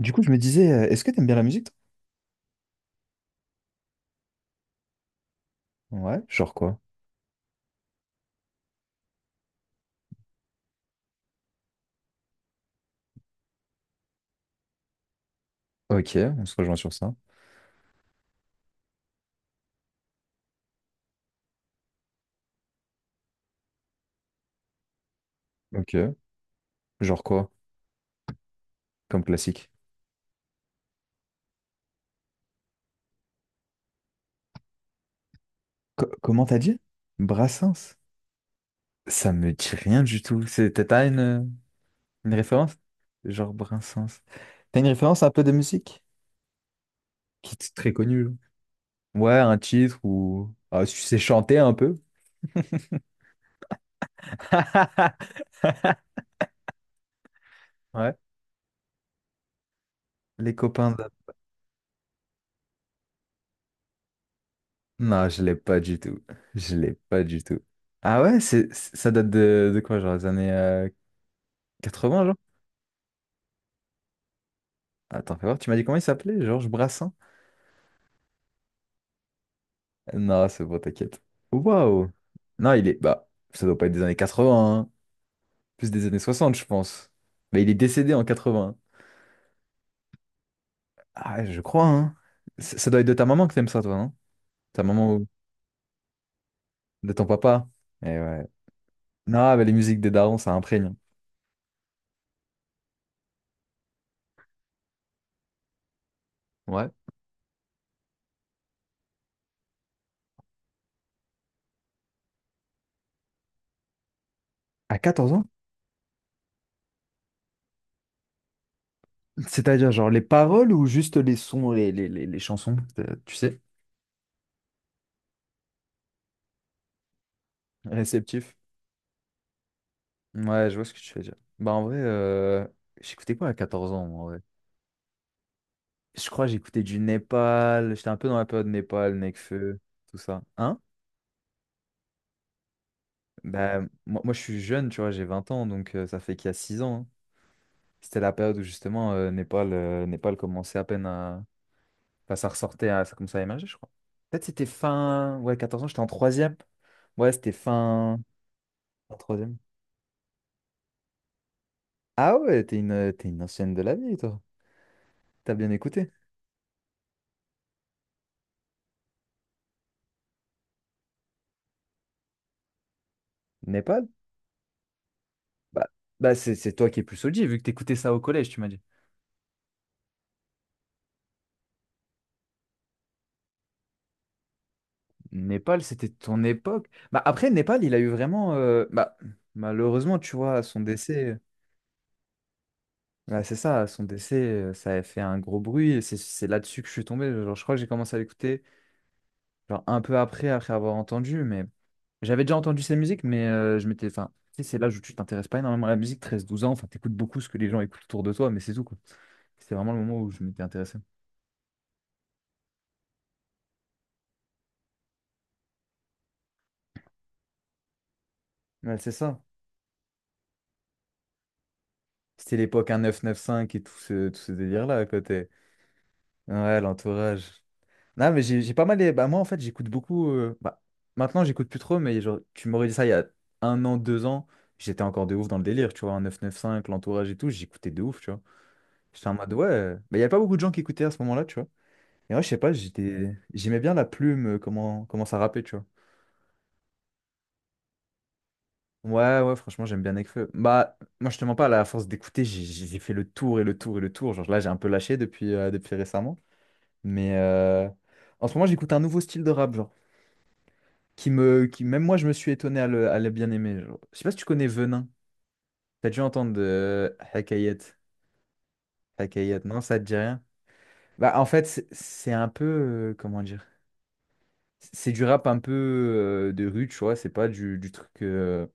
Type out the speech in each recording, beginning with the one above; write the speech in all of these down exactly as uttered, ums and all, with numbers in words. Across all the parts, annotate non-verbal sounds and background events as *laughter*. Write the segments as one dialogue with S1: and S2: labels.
S1: Du coup, je me disais, euh, est-ce que t'aimes bien la musique, toi? Ouais. Genre quoi? Ok, on se rejoint sur ça. Ok. Genre quoi? Comme classique. Co- comment t'as dit? Brassens? Ça me dit rien du tout. C'est- T'as t'as une, une référence? Genre Brassens. T'as une référence un peu de musique? Qui est très connue, là. Ouais, un titre ou... Ah, tu sais chanter un peu? *laughs* Ouais. Les copains de... Non, je l'ai pas du tout. Je l'ai pas du tout. Ah ouais, c'est, c'est- ça date de, de quoi? Genre les années euh, quatre-vingts, genre? Attends, fais voir, tu m'as dit comment il s'appelait? Georges Brassens? Non, c'est bon, t'inquiète. Waouh! Non, il est. Bah, ça doit pas être des années quatre-vingts, hein. Plus des années soixante, je pense. Mais il est décédé en quatre-vingts. Ah, je crois, hein. Ça ça doit être de ta maman que t'aimes ça, toi, non? Ta maman ou de ton papa? Eh ouais. Non, mais les musiques des darons, ça imprègne. Ouais. À quatorze ans? C'est-à-dire, genre, les paroles ou juste les sons, les, les, les, les chansons, euh, tu sais? Réceptif. Ouais, je vois ce que tu veux dire. Bah, en vrai, euh, j'écoutais quoi à quatorze ans, moi, en vrai. Je crois que j'écoutais du Népal. J'étais un peu dans la période Népal, Nekfeu, tout ça. Hein? Bah, moi, moi, je suis jeune, tu vois, j'ai vingt ans, donc euh, ça fait qu'il y a six ans, hein. C'était la période où justement euh, Népal, euh, Népal commençait à peine à. Enfin, ça ressortait, à... ça commençait à émerger, je crois. Peut-être c'était fin. Ouais, quatorze ans, j'étais en troisième. Ouais, c'était fin. En troisième. Ah ouais, t'es une, t'es une ancienne de la vie, toi. T'as bien écouté. Népal? Bah, bah c'est c'est toi qui es plus O G, vu que t'écoutais ça au collège, tu m'as dit. Népal, c'était ton époque. Bah, après, Népal, il a eu vraiment. Euh, bah, malheureusement, tu vois, à son décès. Euh, ouais, c'est ça, à son décès, euh, ça a fait un gros bruit. Et C'est c'est là-dessus que je suis tombé. Genre, je crois que j'ai commencé à l'écouter genre, un peu après, après avoir entendu. Mais j'avais déjà entendu ses musiques, mais euh, je m'étais. Enfin, tu sais, c'est l'âge où tu t'intéresses pas énormément à la musique, treize, douze ans. Enfin, t'écoutes beaucoup ce que les gens écoutent autour de toi, mais c'est tout, quoi. C'était vraiment le moment où je m'étais intéressé. Ouais, c'est ça. C'était l'époque un neuf neuf cinq et tout ce, tout ce délire-là, à côté. Ouais, l'entourage. Non, mais j'ai j'ai pas mal. Bah, moi, en fait, j'écoute beaucoup. euh, Bah, maintenant, j'écoute plus trop, mais genre, tu m'aurais dit ça il y a un an, deux ans, j'étais encore de ouf dans le délire, tu vois, un neuf neuf cinq l'entourage et tout, j'écoutais de ouf, tu vois. J'étais en mode, ouais. euh, Bah il y a pas beaucoup de gens qui écoutaient à ce moment-là, tu vois. Et moi, je sais pas, j'étais... j'aimais bien la plume, euh, comment... comment ça rappait, tu vois. Ouais, ouais, franchement, j'aime bien Nekfeu. Bah, moi, je te mens pas, là, à force d'écouter, j'ai j'ai- j'ai fait le tour et le tour et le tour. Genre, là, j'ai un peu lâché depuis, euh, depuis récemment. Mais euh, en ce moment, j'écoute un nouveau style de rap, genre. Qui me, qui, même moi, je me suis étonné à le, à le bien aimer, genre. Je sais pas si tu connais Venin. T'as dû entendre de Hakayet. Hakayet, non, ça te dit rien? Bah, en fait, c'est c'est un peu, euh, comment dire? C'est du rap un peu euh, de rue, tu vois. C'est pas du, du truc. euh,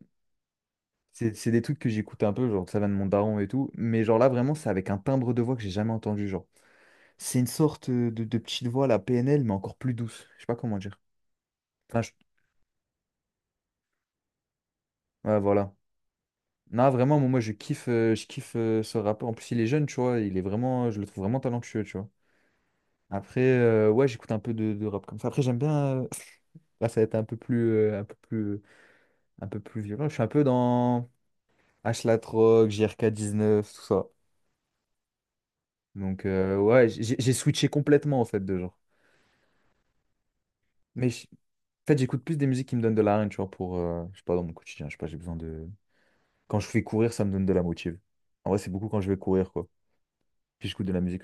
S1: c'est c'est des trucs que j'écoute un peu, genre ça va de mon daron et tout. Mais genre là, vraiment, c'est avec un timbre de voix que j'ai jamais entendu, genre. C'est une sorte euh, de, de petite voix, la P N L, mais encore plus douce. Je sais pas comment dire. Enfin, je- ouais, voilà. Non, vraiment, moi, moi, je kiffe, euh, je kiffe euh, ce rappeur. En plus, il est jeune, tu vois. Il est vraiment, je le trouve vraiment talentueux, tu vois. Après, euh, ouais, j'écoute un peu de, de rap comme ça. Après, j'aime bien. euh, *laughs* Là, ça va être un peu plus, euh, un peu plus, un peu plus violent. Je suis un peu dans H La Troc, J R K dix-neuf, tout ça. Donc, euh, ouais, j'ai j'ai switché complètement, en fait, de genre. Mais je- en fait, j'écoute plus des musiques qui me donnent de la rime, tu vois, pour, euh, je sais pas, dans mon quotidien. Je sais pas, j'ai besoin de. Quand je fais courir, ça me donne de la motive. En vrai, c'est beaucoup quand je vais courir, quoi. Puis j'écoute de la musique.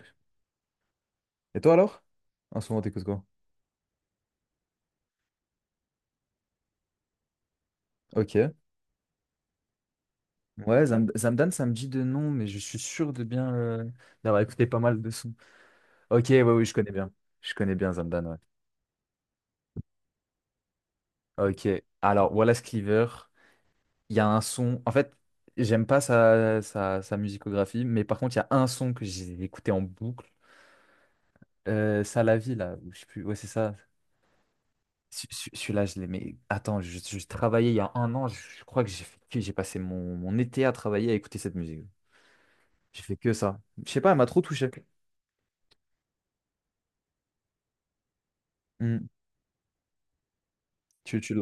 S1: Et toi, alors? En ce moment, t'écoutes quoi? Ok. Ouais, Zam- Zamdan, ça me dit de nom, mais je suis sûr de bien euh, d'avoir écouté pas mal de sons. Ok, ouais, oui, je connais bien. Je connais bien Zamdan, ouais. Ok. Alors, Wallace Cleaver, il y a un son. En fait, j'aime pas sa, sa, sa musicographie, mais par contre, il y a un son que j'ai écouté en boucle. Euh, ça la vie, là. Ou je sais plus. Ouais, c'est ça. Ce- ce- Celui-là, je l'ai. Mais attends, je, je travaillais il y a un an. Je, je crois que j'ai fait- que j'ai passé mon, mon été à travailler à écouter cette musique. J'ai fait que ça. Je sais pas, elle m'a trop touché. Hmm. Tu, tu.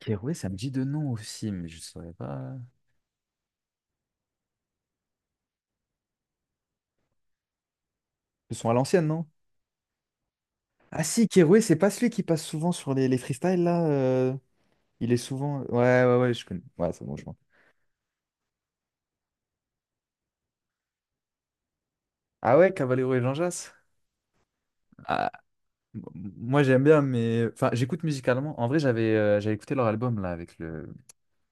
S1: Keroué, ça me dit de nom aussi, mais je saurais pas. Ils sont à l'ancienne, non? Ah si, Keroué, c'est pas celui qui passe souvent sur les, les freestyles, là. euh, Il est souvent... Ouais, ouais, ouais, je connais. Ouais, c'est bon, je vois. Ah ouais, Cavallero et Jean Jass? Ah, m- moi j'aime bien, mais enfin j'écoute musicalement. En vrai, j'avais euh, j'avais écouté leur album là avec le,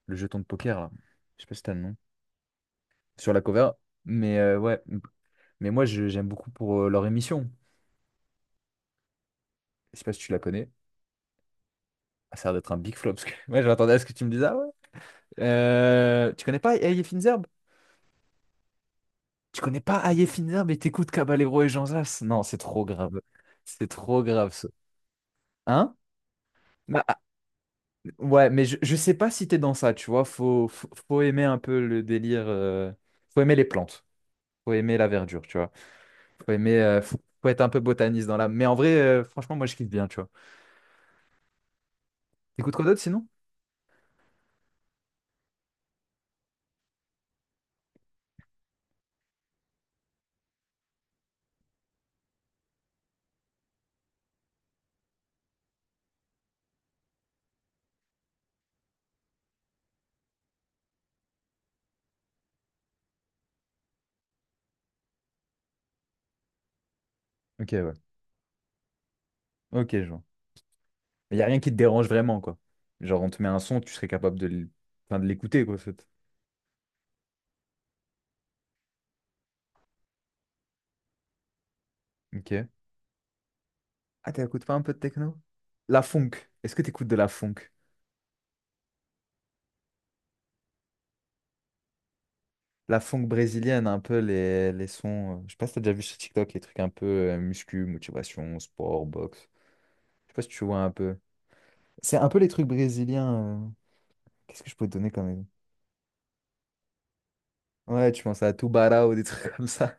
S1: le jeton de poker là. Je sais pas si t'as le nom sur la cover, mais euh, ouais. m- Mais moi je- j'aime beaucoup pour euh, leur émission. Je sais pas si tu la connais. Ah, ça a l'air d'être un big flop parce que *laughs* moi je m'attendais à ce que tu me dises. Ah ouais. Euh, tu connais pas Hey Finzer. Tu connais pas Ayefina, mais t'écoutes Caballero et Jean Zas? Non, c'est trop grave. C'est trop grave, ça. Hein? Bah, ah, ouais, mais je, je sais pas si t'es dans ça, tu vois. Faut, faut, faut aimer un peu le délire. euh, Faut aimer les plantes. Faut aimer la verdure, tu vois. Faut aimer. euh, Faut, faut être un peu botaniste dans l'âme. Mais en vrai, euh, franchement, moi, je kiffe bien, tu vois. T'écoutes quoi d'autre sinon? Ok, ouais. Ok, je vois. Il n'y a rien qui te dérange vraiment, quoi. Genre, on te met un son, tu serais capable de l- enfin, de l'écouter, quoi. c'est- Ok. Ah, t'écoutes pas un peu de techno? La funk. Est-ce que t'écoutes de la funk? La funk brésilienne, un peu les, les sons. euh, Je sais pas si t'as déjà vu sur TikTok les trucs un peu euh, muscu, motivation, sport, boxe. Je sais pas si tu vois un peu. C'est un peu les trucs brésiliens. euh, Qu'est-ce que je peux te donner comme exemple? Ouais, tu penses à Tubarão ou des trucs *laughs* comme ça.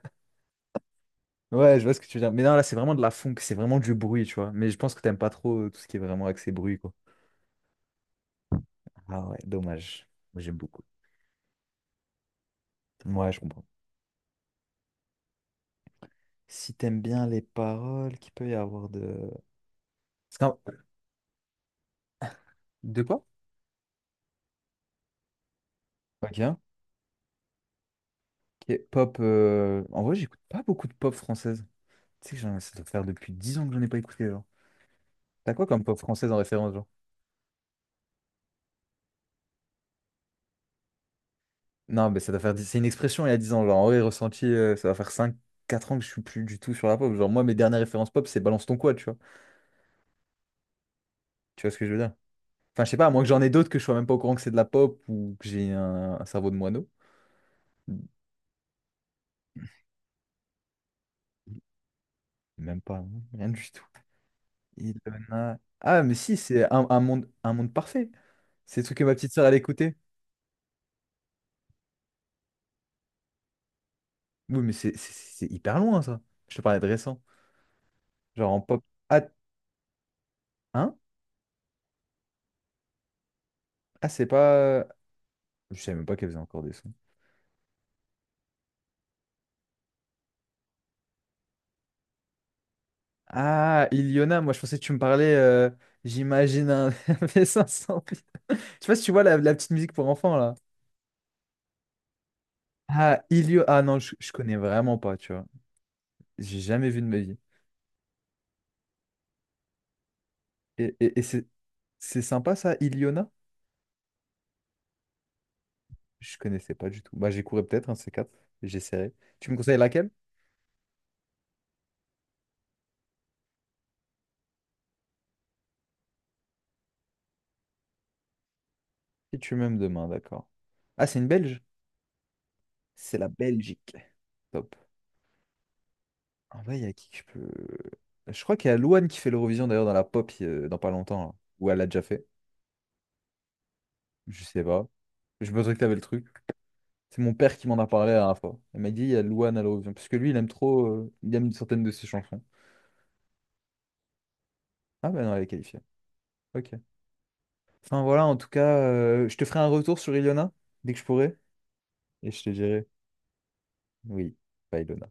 S1: Ouais, je vois ce que tu veux dire. Mais non, là, c'est vraiment de la funk, c'est vraiment du bruit, tu vois. Mais je pense que t'aimes pas trop euh, tout ce qui est vraiment axé bruit, quoi. Ah ouais, dommage. Moi, j'aime beaucoup. Ouais, je comprends. Si t'aimes bien les paroles, qu'il peut y avoir de... C'est un- De quoi? Ok. Ok, pop. euh, En vrai, j'écoute pas beaucoup de pop française. Tu sais que j'en- ça doit faire depuis dix ans que j'en ai pas écouté, genre. T'as quoi comme pop française en référence, genre? Non, mais ça doit faire. dix- C'est une expression il y a dix ans. Genre, en vrai, ressenti, euh, ça va faire cinq, quatre ans que je suis plus du tout sur la pop. Genre, moi, mes dernières références pop, c'est Balance ton quoi, tu vois. Tu vois ce que je veux dire? Enfin, je sais pas, à moins que j'en ai d'autres que je sois même pas au courant que c'est de la pop ou que j'ai un, un cerveau de moineau. Même pas, hein, rien du tout. Il. Ah, mais si, c'est un, un monde, un monde parfait. C'est le truc que ma petite sœur, elle écoutait. Oui, mais c'est c'est- c'est hyper loin, ça. Je te parlais de récent. Genre en pop. Ah, hein? Ah, c'est pas. Je savais même pas qu'elle faisait encore des sons. Ah, Iliona, moi je pensais que tu me parlais, euh, j'imagine un *laughs* v cinq cents. Je sais pas si tu vois la, la petite musique pour enfants là. Ah, Ilio... Ah non, je, je connais vraiment pas, tu vois. J'ai jamais vu de ma vie. Et, et- et c'est c'est sympa ça, Iliona? Je connaissais pas du tout. Bah j'écouterai peut-être un de ces quatre. J'essaierai. Tu me conseilles laquelle? Et tu m'aimes demain, d'accord. Ah, c'est une Belge? C'est la Belgique. Top. En vrai, il y a qui que je peux... Je crois qu'il y a Louane qui fait l'Eurovision d'ailleurs dans la pop euh, dans pas longtemps, là. Ou elle l'a déjà fait. Je sais pas. Je pensais que t'avais le truc. C'est mon père qui m'en a parlé la dernière fois. Il m'a dit, il y a Louane à l'horizon. Parce que lui, il aime trop, euh, il aime certaines de ses chansons. Ah ben non, elle est qualifiée. Ok. Enfin voilà, en tout cas, euh, je te ferai un retour sur Ilona, dès que je pourrai. Et je te dirai, oui, pas Ilona.